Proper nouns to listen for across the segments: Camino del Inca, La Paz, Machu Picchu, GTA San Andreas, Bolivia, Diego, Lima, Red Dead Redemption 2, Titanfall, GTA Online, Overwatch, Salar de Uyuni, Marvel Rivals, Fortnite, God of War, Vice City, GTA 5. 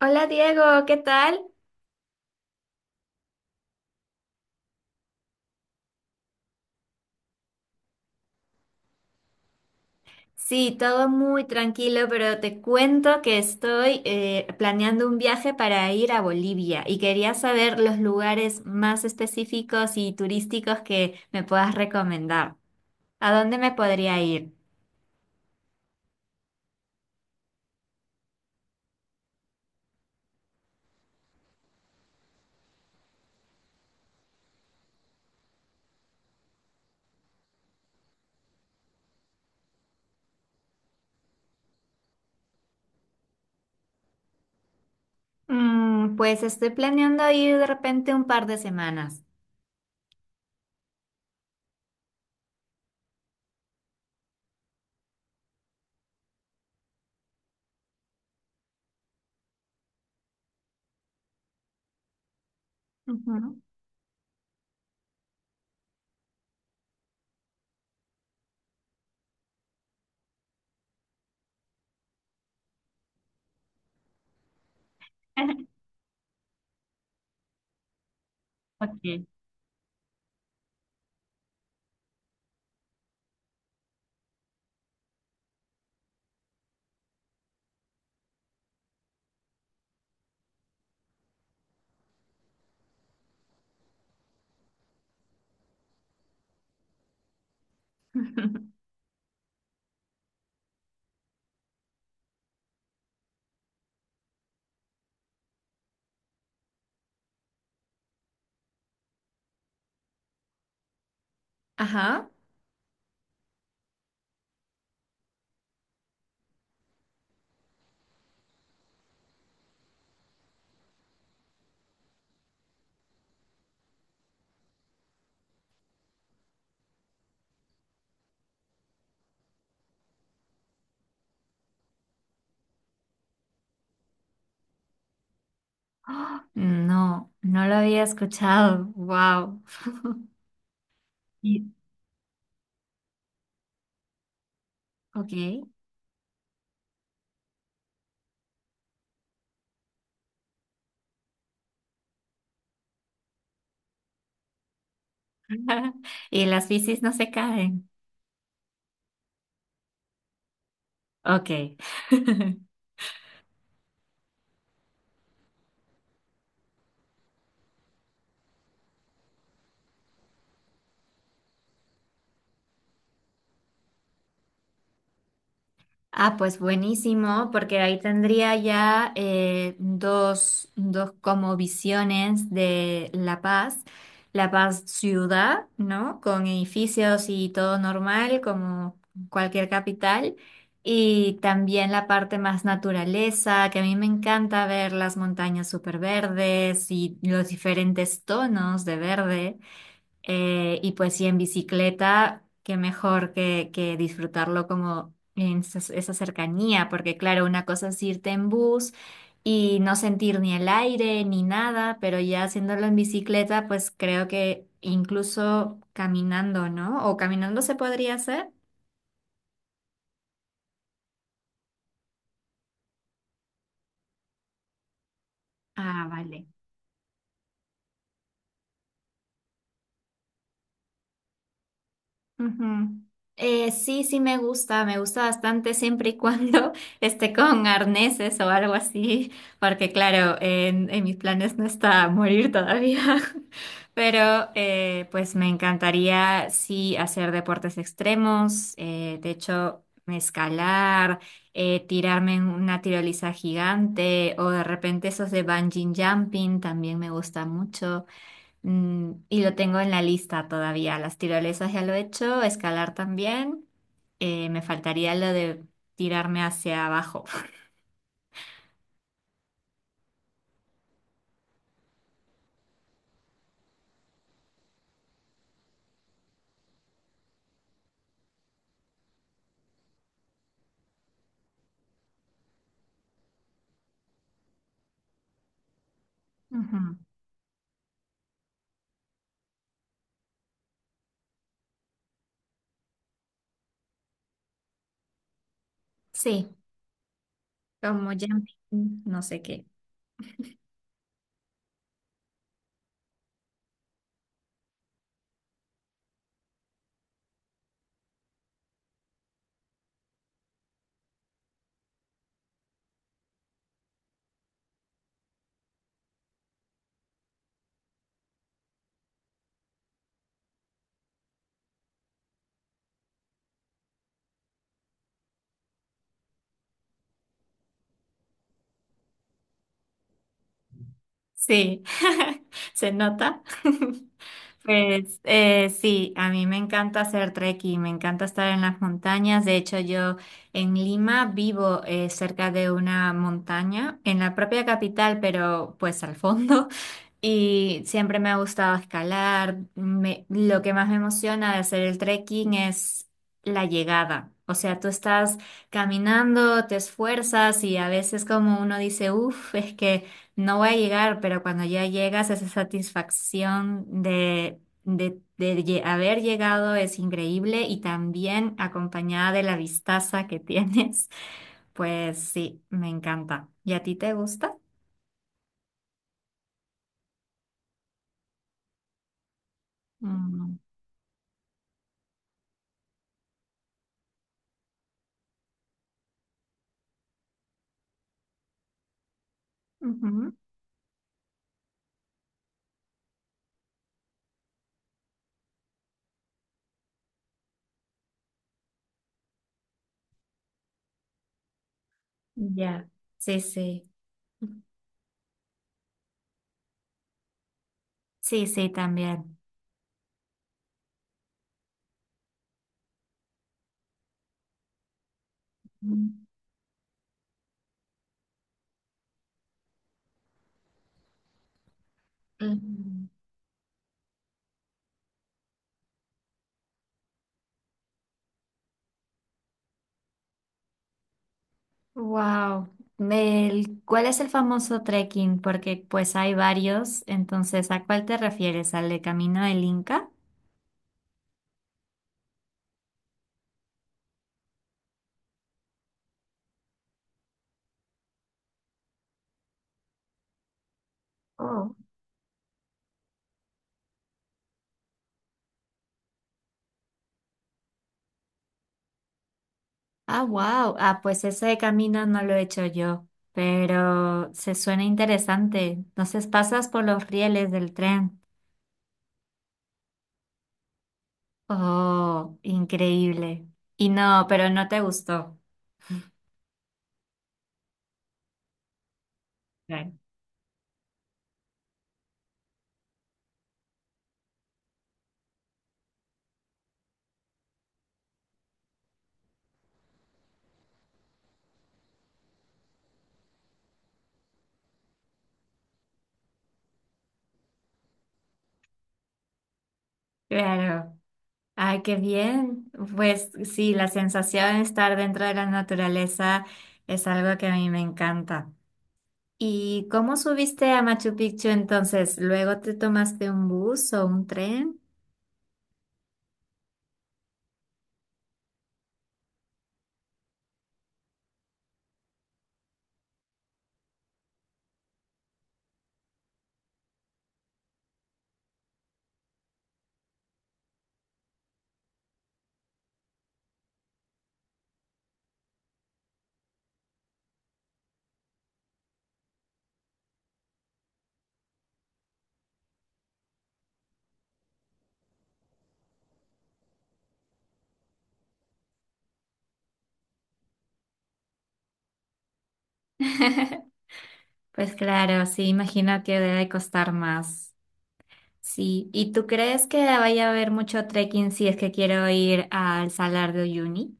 Hola Diego, ¿qué tal? Sí, todo muy tranquilo, pero te cuento que estoy planeando un viaje para ir a Bolivia y quería saber los lugares más específicos y turísticos que me puedas recomendar. ¿A dónde me podría ir? Pues estoy planeando ir de repente un par de semanas. Ujú. Ok. Ajá. ¡Ah! No, no lo había escuchado. Wow. Y, ok. Y las bicis no se caen. Ok. Ah, pues buenísimo, porque ahí tendría ya dos, dos como visiones de La Paz. La Paz ciudad, ¿no? Con edificios y todo normal, como cualquier capital. Y también la parte más naturaleza, que a mí me encanta ver las montañas súper verdes y los diferentes tonos de verde. Y pues sí, en bicicleta, qué mejor que disfrutarlo como en esa, esa cercanía, porque claro, una cosa es irte en bus y no sentir ni el aire ni nada, pero ya haciéndolo en bicicleta, pues creo que incluso caminando, ¿no? ¿O caminando se podría hacer? Ah, vale. Ujú. Sí, sí me gusta bastante siempre y cuando esté con arneses o algo así, porque claro, en mis planes no está morir todavía, pero pues me encantaría sí hacer deportes extremos, de hecho escalar, tirarme en una tiroliza gigante o de repente esos de bungee jumping también me gusta mucho. Y lo tengo en la lista todavía. Las tirolesas ya lo he hecho, escalar también. Me faltaría lo de tirarme hacia abajo. Ujú. Sí, como jumping, no sé qué. Sí, se nota. Pues sí, a mí me encanta hacer trekking, me encanta estar en las montañas. De hecho, yo en Lima vivo cerca de una montaña, en la propia capital, pero pues al fondo. Y siempre me ha gustado escalar. Me- lo que más me emociona de hacer el trekking es la llegada. O sea, tú estás caminando, te esfuerzas y a veces como uno dice, uff, es que... No voy a llegar, pero cuando ya llegas, esa satisfacción de haber llegado es increíble y también acompañada de la vistaza que tienes, pues sí, me encanta. ¿Y a ti te gusta? Mm, ujú. Ya. Sí, sí. Sí, sí, también. Wow. ¿Cuál es el famoso trekking? Porque pues hay varios, entonces, ¿a cuál te refieres? ¿Al de Camino del Inca? Ah, wow. Ah, pues ese camino no lo he hecho yo, pero se suena interesante. Entonces pasas por los rieles del tren. Oh, increíble. Y no, pero no te gustó. Claro. Claro. Ay, qué bien. Pues sí, la sensación de estar dentro de la naturaleza es algo que a mí me encanta. ¿Y cómo subiste a Machu Picchu entonces? ¿Luego te tomaste un bus o un tren? Pues claro, sí, imagino que debe costar más. Sí, ¿y tú crees que vaya a haber mucho trekking si es que quiero ir al Salar de Uyuni?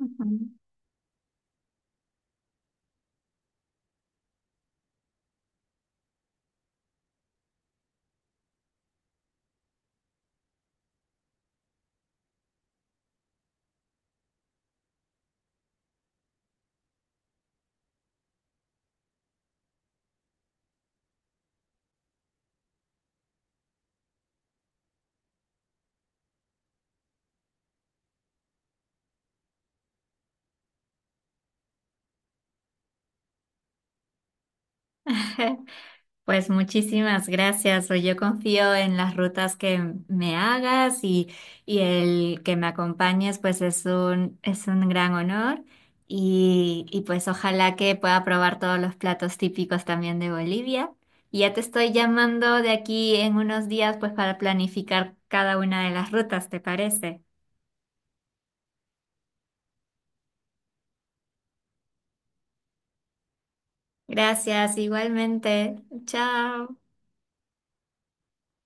Ujú. Pues muchísimas gracias. Pues yo confío en las rutas que me hagas y el que me acompañes, pues es un gran honor. Y pues ojalá que pueda probar todos los platos típicos también de Bolivia. Y ya te estoy llamando de aquí en unos días, pues para planificar cada una de las rutas, ¿te parece? Gracias, igualmente. Chao.